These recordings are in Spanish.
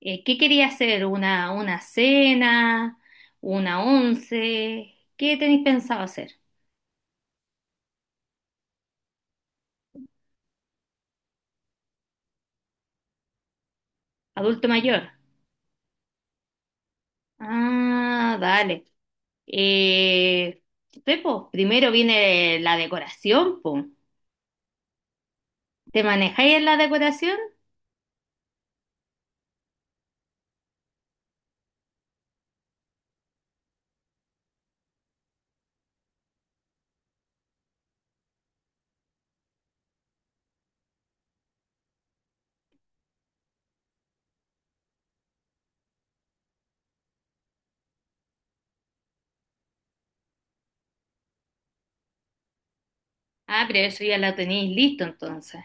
¿qué quería hacer? ¿Una cena? ¿Una once? ¿Qué tenéis pensado hacer? ¿Adulto mayor? Ah, dale. Eh, sí, po, primero viene la decoración, po. ¿Te manejáis en la decoración? Ah, pero eso ya la tenéis listo entonces.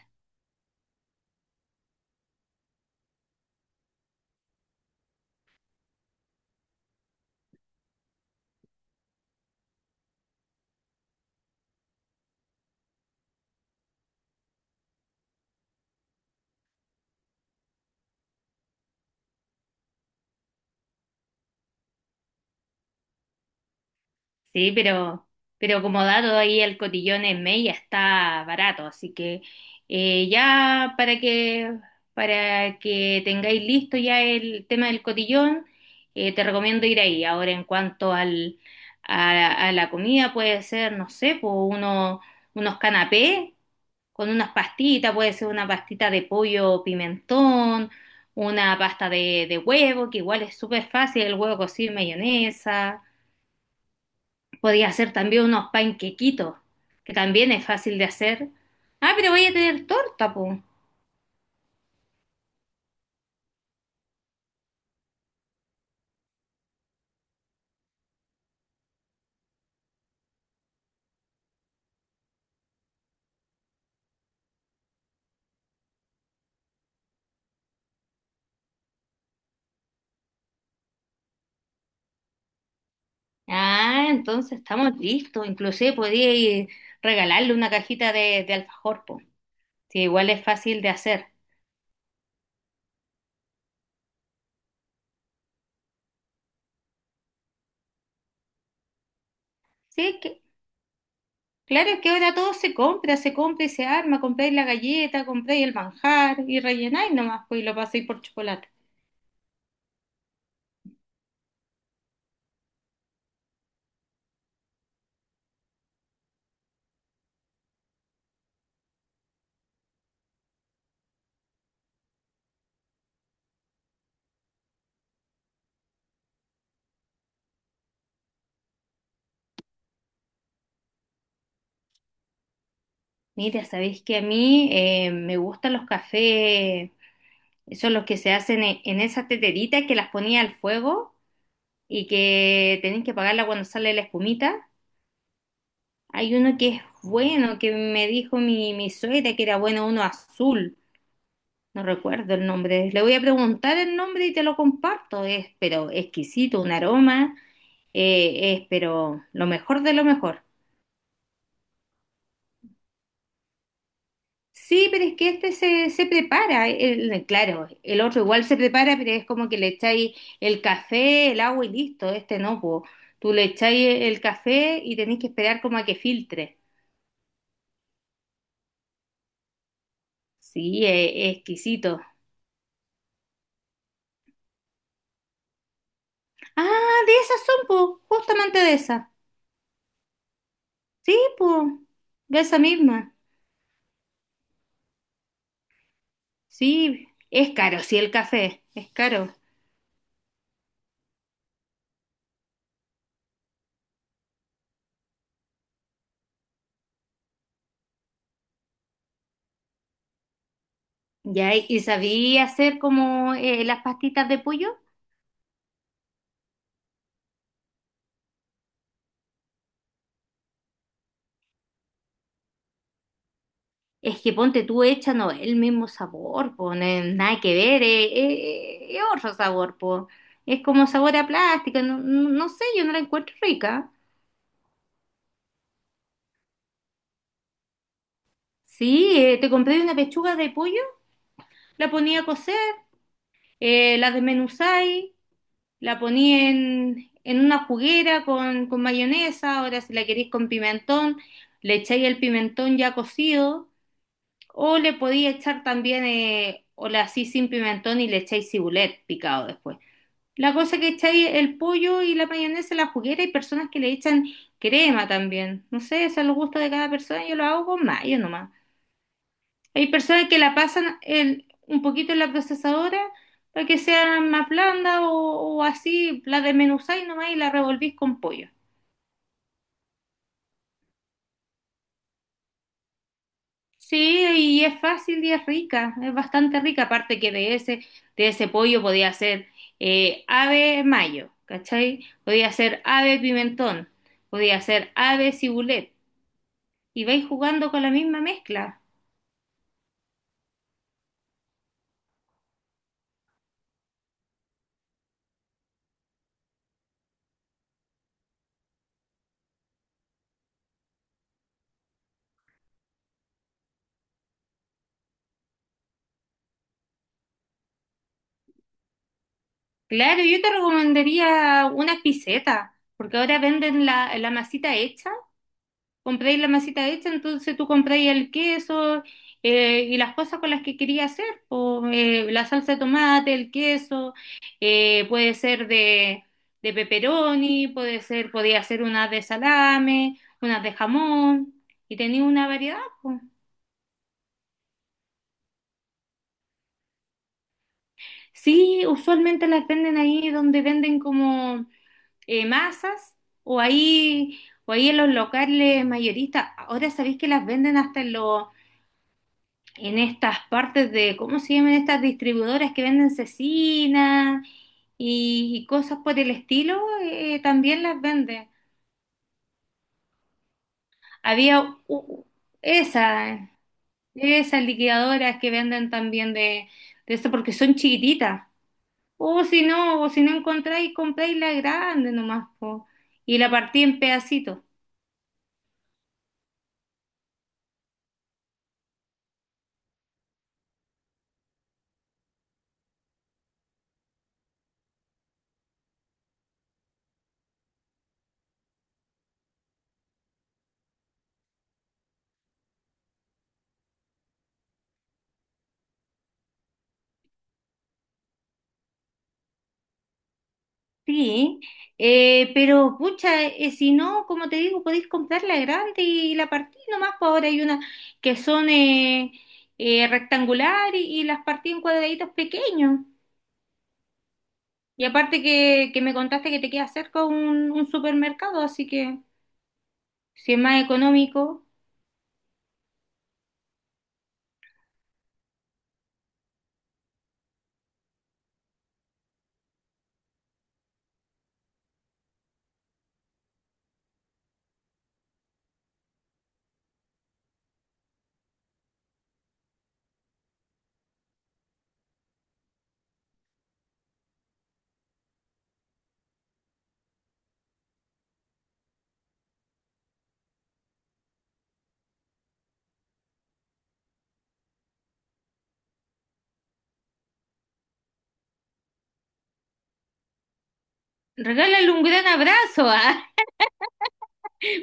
Sí, pero como dado ahí el cotillón en Mella está barato, así que ya para que tengáis listo ya el tema del cotillón, te recomiendo ir ahí. Ahora en cuanto a la comida puede ser, no sé, po, uno, unos canapés con unas pastitas, puede ser una pastita de pollo pimentón, una pasta de huevo, que igual es súper fácil, el huevo cocido y mayonesa. Podía hacer también unos panquequitos, que también es fácil de hacer. Ah, pero voy a tener torta, po. Ah, entonces estamos listos. Inclusive podía ir regalarle una cajita de alfajor, po. Sí, igual es fácil de hacer. Sí, que, claro, es que ahora todo se compra y se arma. Compráis la galleta, compráis el manjar y rellenáis nomás, pues, y lo pasáis por chocolate. Mira, sabéis que a mí me gustan los cafés, esos los que se hacen en esas teteritas que las ponía al fuego y que tenéis que pagarla cuando sale la espumita. Hay uno que es bueno, que me dijo mi suegra que era bueno, uno azul. No recuerdo el nombre. Le voy a preguntar el nombre y te lo comparto. Es pero exquisito, un aroma. Es pero lo mejor de lo mejor. Sí, pero es que este se prepara. Claro, el otro igual se prepara, pero es como que le echáis el café, el agua y listo. Este no, po. Tú le echáis el café y tenéis que esperar como a que filtre. Sí, es exquisito. Ah, de esas son, po, justamente de esas. Sí, po, de esa misma. Sí, es caro, sí, el café, es caro. Ya, y sabía hacer como las pastitas de pollo. Es que ponte tú hecha, no, el mismo sabor, pone nada que ver, es otro sabor, po. Es como sabor a plástico, no, no sé, yo no la encuentro rica. Sí, te compré una pechuga de pollo, la ponía a cocer, la desmenuzáis. La ponía en una juguera con mayonesa. Ahora si la queréis con pimentón, le echáis el pimentón ya cocido, o le podéis echar también, o la así sin pimentón y le echáis cibulet picado después. La cosa que echáis el pollo y la mayonesa en la juguera, hay personas que le echan crema también. No sé, eso es el gusto de cada persona, yo lo hago con mayo nomás. Hay personas que la pasan un poquito en la procesadora para que sea más blanda o así, la desmenuzáis nomás y la revolvís con pollo. Sí, y es fácil y es rica, es bastante rica, aparte que de ese pollo podía hacer ave mayo, ¿cachai? Podía hacer ave pimentón, podía hacer ave cibulet, y vais jugando con la misma mezcla. Claro, yo te recomendaría unas pisetas, porque ahora venden la masita hecha. Compráis la masita hecha, entonces tú compráis el queso, y las cosas con las que quería hacer, po, la salsa de tomate, el queso, puede ser de pepperoni, puede ser, podía hacer unas de salame, unas de jamón, y tenía una variedad, po. Sí, usualmente las venden ahí donde venden como masas o ahí, o ahí en los locales mayoristas. Ahora sabéis que las venden hasta en los en estas partes de, ¿cómo se llaman estas distribuidoras que venden cecina y cosas por el estilo? También las venden. Había u- esa, Esas liquidadoras que venden también de eso porque son chiquititas. O si no encontráis, compráis la grande nomás, po, y la partí en pedacitos. Sí, pero pucha, si no, como te digo, podéis comprar la grande y la partí nomás, pues ahora hay unas que son rectangular y las partí en cuadraditos pequeños. Y aparte que me contaste que te queda cerca un supermercado, así que si es más económico, regálale un gran abrazo, ¿ah?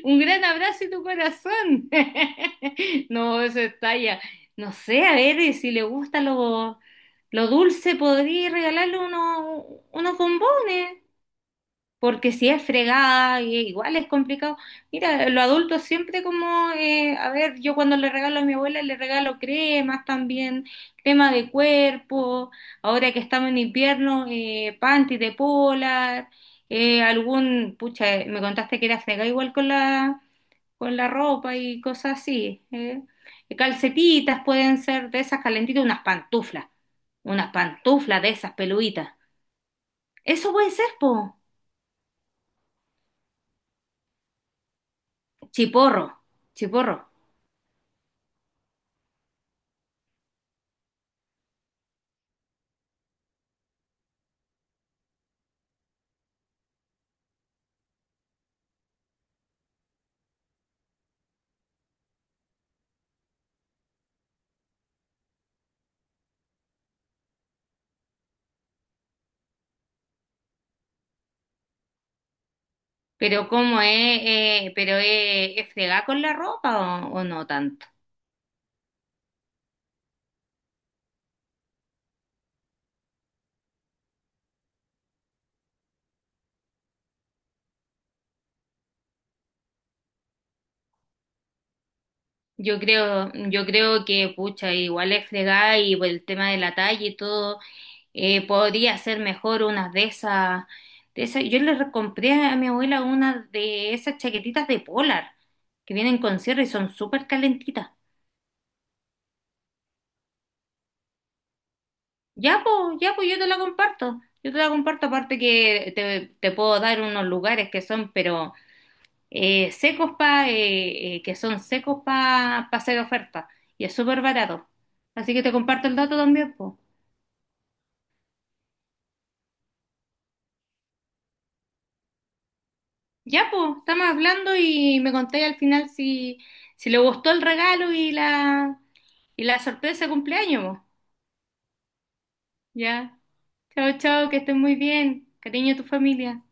Un gran abrazo y tu corazón. No, eso es talla. No sé, a ver y si le gusta lo dulce, podría regalarle unos, unos bombones. Porque si es fregada, y igual es complicado. Mira, los adultos siempre como, a ver, yo cuando le regalo a mi abuela le regalo cremas también, crema de cuerpo, ahora que estamos en invierno, panty de polar, algún, pucha, me contaste que era fregada igual con la ropa y cosas así. ¿Eh? Calcetitas pueden ser de esas calentitas, unas pantuflas de esas peluditas. Eso puede ser, po. Chiporro, chiporro. Pero cómo es. Pero es fregar con la ropa o no tanto. Yo creo que, pucha, igual es fregar y por el tema de la talla y todo, podría ser mejor unas de esas, de esas. Compré a mi abuela una de esas chaquetitas de polar que vienen con cierre y son súper calentitas. Ya, pues yo te la comparto. Yo te la comparto, aparte que te puedo dar unos lugares que son, pero secos pa, que son secos para hacer oferta. Y es súper barato. Así que te comparto el dato también, pues. Ya, pues, estamos hablando y me conté al final si le gustó el regalo y la. Y la sorpresa de cumpleaños, mo. Ya. Chao, chao, que estés muy bien. Cariño a tu familia.